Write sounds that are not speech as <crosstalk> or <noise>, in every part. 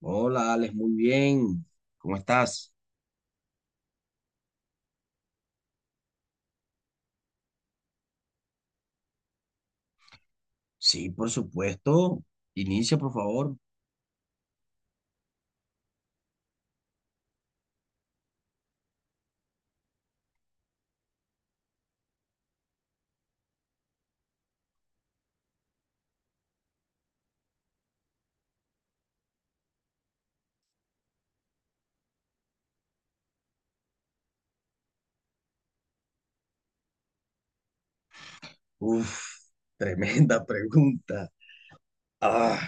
Hola, Alex, muy bien. ¿Cómo estás? Sí, por supuesto. Inicia, por favor. Uf, tremenda <laughs> pregunta. Ah,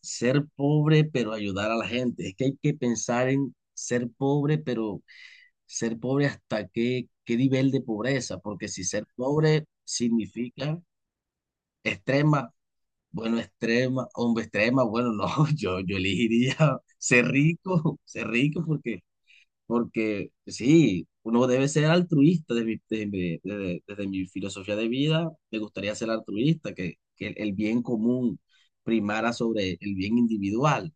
ser pobre pero ayudar a la gente. Es que hay que pensar en ser pobre, pero ser pobre hasta qué nivel de pobreza, porque si ser pobre significa extrema, bueno, extrema, hombre, extrema, bueno, no, <laughs> yo elegiría ser rico, <laughs> ser rico, porque sí, uno debe ser altruista desde desde mi filosofía de vida. Me gustaría ser altruista, que el bien común primara sobre el bien individual.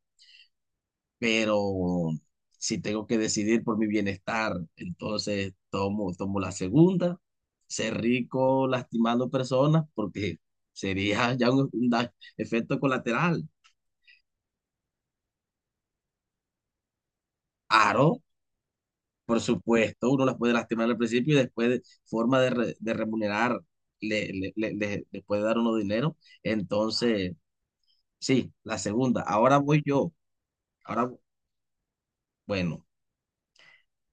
Pero si tengo que decidir por mi bienestar, entonces tomo la segunda, ser rico lastimando personas, porque sería ya un efecto colateral. Aro. Por supuesto, uno las puede lastimar al principio y después de forma de remunerar , le puede dar uno dinero. Entonces, sí, la segunda. Ahora voy yo. Ahora, bueno,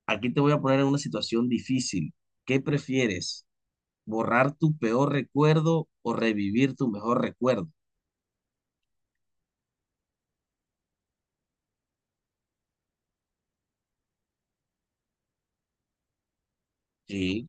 aquí te voy a poner en una situación difícil. ¿Qué prefieres? ¿Borrar tu peor recuerdo o revivir tu mejor recuerdo? Sí,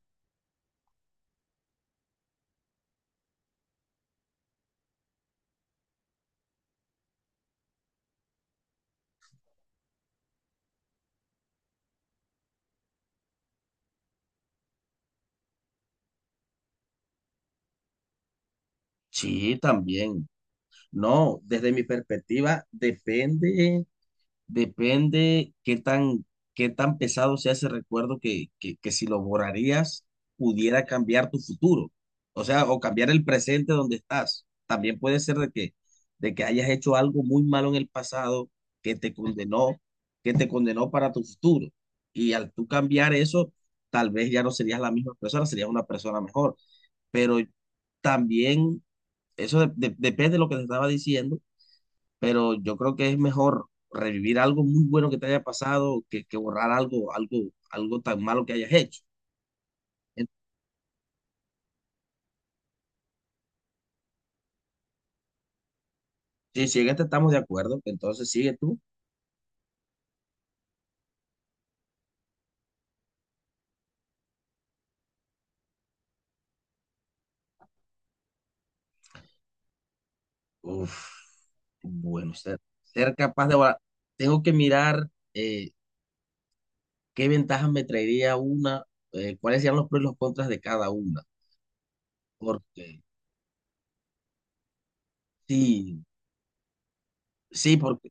sí, también. No, desde mi perspectiva, depende qué tan pesado sea ese recuerdo que si lo borrarías pudiera cambiar tu futuro. O sea, o cambiar el presente donde estás. También puede ser de que hayas hecho algo muy malo en el pasado que te condenó, que te condenó para tu futuro. Y al tú cambiar eso, tal vez ya no serías la misma persona, serías una persona mejor. Pero también, eso depende de lo que te estaba diciendo, pero yo creo que es mejor revivir algo muy bueno que te haya pasado que borrar algo tan malo que hayas hecho. En-. Sí, si en este estamos de acuerdo, entonces sigue tú. Uf, bueno, ser capaz de borrar. Tengo que mirar qué ventajas me traería una, cuáles serían los pros y los contras de cada una. Porque sí, sí, porque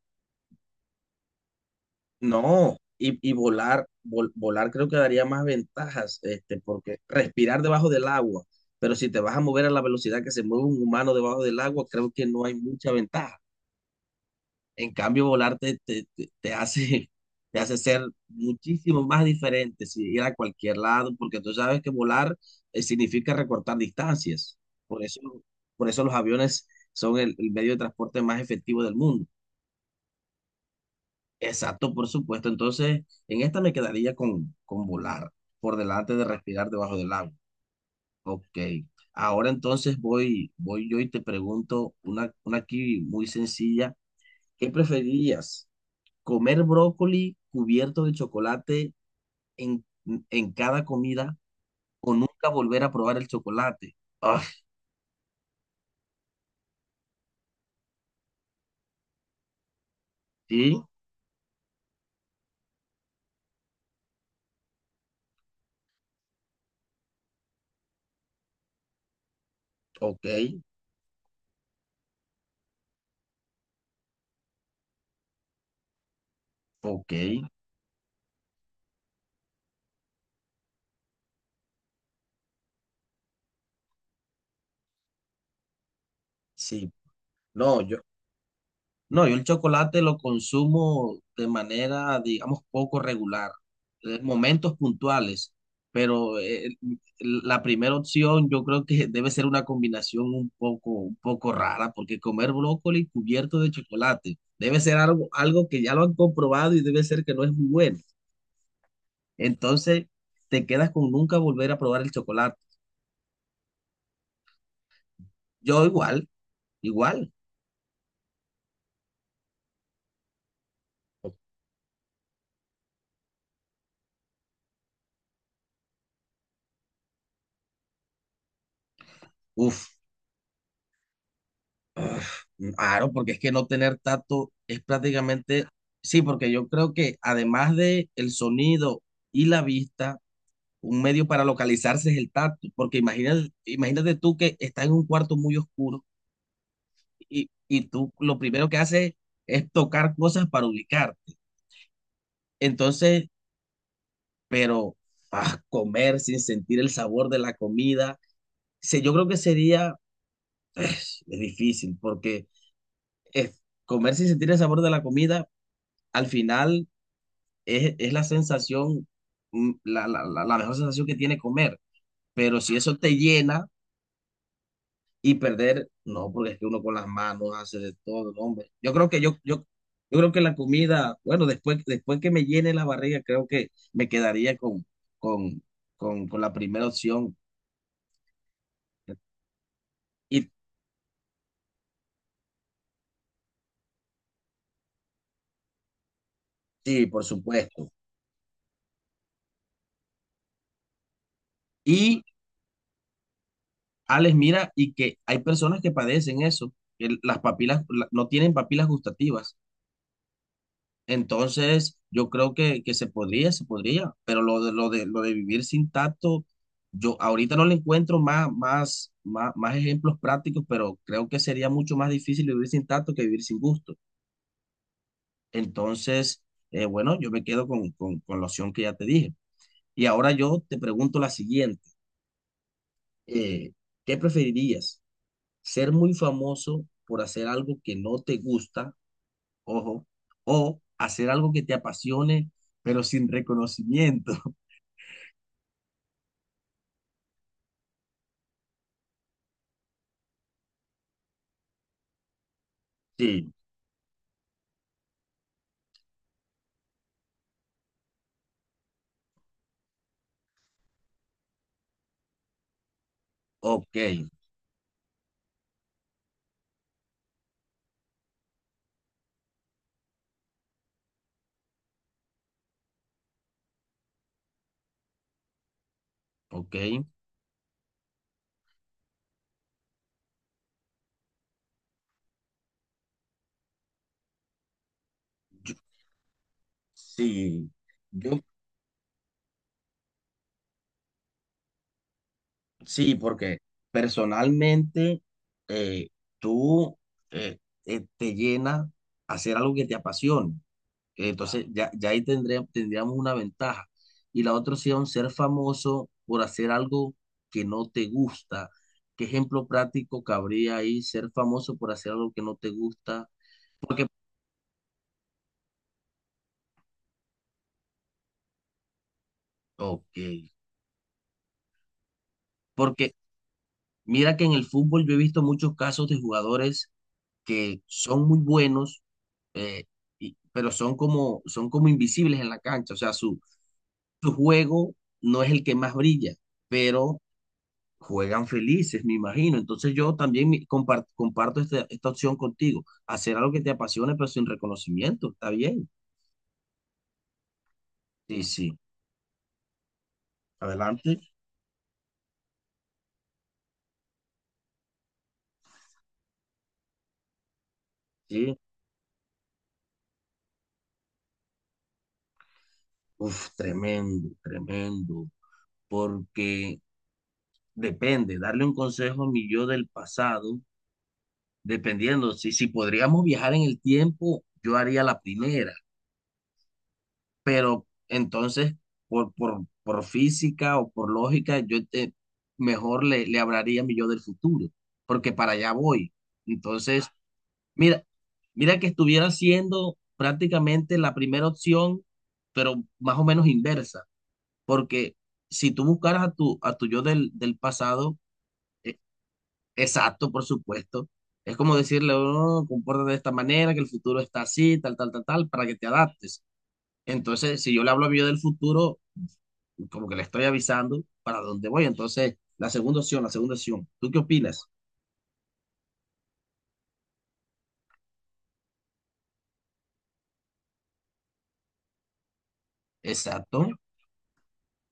no, y volar creo que daría más ventajas, este, porque respirar debajo del agua, pero si te vas a mover a la velocidad que se mueve un humano debajo del agua, creo que no hay mucha ventaja. En cambio, volar te hace, <laughs> te hace ser muchísimo más diferente si ir a cualquier lado, porque tú sabes que volar, significa recortar distancias. Por eso, por eso los aviones son el medio de transporte más efectivo del mundo. Exacto, por supuesto. Entonces, en esta me quedaría con volar, por delante de respirar debajo del agua. Ok. Ahora entonces voy yo y te pregunto una aquí muy sencilla. ¿Qué preferirías? ¿Comer brócoli cubierto de chocolate en, en cada comida o nunca volver a probar el chocolate? Ah, sí, ok, ok, sí. No, yo, No, yo el chocolate lo consumo de manera, digamos, poco regular, en momentos puntuales, pero la primera opción yo creo que debe ser una combinación un poco rara, porque comer brócoli cubierto de chocolate debe ser algo que ya lo han comprobado y debe ser que no es muy bueno. Entonces, te quedas con nunca volver a probar el chocolate. Yo igual. Uf, Uf, claro, porque es que no tener tacto es prácticamente, sí, porque yo creo que además de el sonido y la vista, un medio para localizarse es el tacto, porque imagínate tú que estás en un cuarto muy oscuro y tú lo primero que haces es tocar cosas para ubicarte. Entonces, pero ah, comer sin sentir el sabor de la comida, se- yo creo que sería, es difícil, porque es, comer sin sentir el sabor de la comida, al final es la sensación, la, la, la, la mejor sensación que tiene comer. Pero si eso te llena y perder, no, porque es que uno con las manos hace de todo, no, hombre. Yo creo que yo creo que la comida, bueno, después que me llene la barriga, creo que me quedaría con, con la primera opción. Y sí, por supuesto. Y Alex, mira, y que hay personas que padecen eso, que las papilas, la- no tienen papilas gustativas. Entonces, yo creo que se podría, pero lo de vivir sin tacto, yo ahorita no le encuentro más ejemplos prácticos, pero creo que sería mucho más difícil vivir sin tacto que vivir sin gusto. Entonces, bueno, yo me quedo con la opción que ya te dije. Y ahora yo te pregunto la siguiente, eh, ¿qué preferirías? ¿Ser muy famoso por hacer algo que no te gusta, ojo, o hacer algo que te apasione, pero sin reconocimiento? Sí, ok, ok. Yo- sí, yo sí, porque personalmente eh, tú eh, te llena hacer algo que te apasione. Entonces ya ahí tendríamos una ventaja. Y la otra opción, ser famoso por hacer algo que no te gusta. ¿Qué ejemplo práctico cabría ahí? Ser famoso por hacer algo que no te gusta. Porque, ok, porque mira que en el fútbol yo he visto muchos casos de jugadores que son muy buenos, eh, pero son como invisibles en la cancha. O sea, su juego no es el que más brilla, pero juegan felices, me imagino. Entonces yo también comparto esta, esta opción contigo. Hacer algo que te apasione, pero sin reconocimiento. Está bien. Sí, sí. Adelante. Sí. Uf, tremendo, tremendo. Porque depende, darle un consejo a mi yo del pasado. Dependiendo, si podríamos viajar en el tiempo, yo haría la primera, pero entonces por física o por lógica, yo te, mejor le hablaría a mi yo del futuro, porque para allá voy. Entonces, mira, mira que estuviera siendo prácticamente la primera opción, pero más o menos inversa, porque si tú buscaras a tu yo del pasado. Exacto, por supuesto. Es como decirle, oh, compórtate de esta manera, que el futuro está así, tal, tal, tal, tal, para que te adaptes. Entonces, si yo le hablo a mí del futuro, como que le estoy avisando para dónde voy. Entonces, la segunda opción, la segunda opción. ¿Tú qué opinas? Exacto,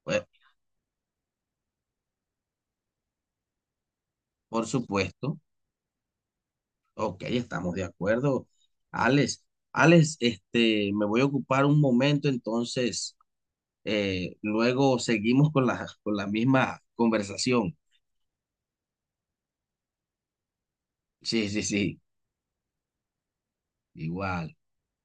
pues, por supuesto. Ok, estamos de acuerdo. Alex, Alex, este, me voy a ocupar un momento, entonces, luego seguimos con la misma conversación. Sí, igual.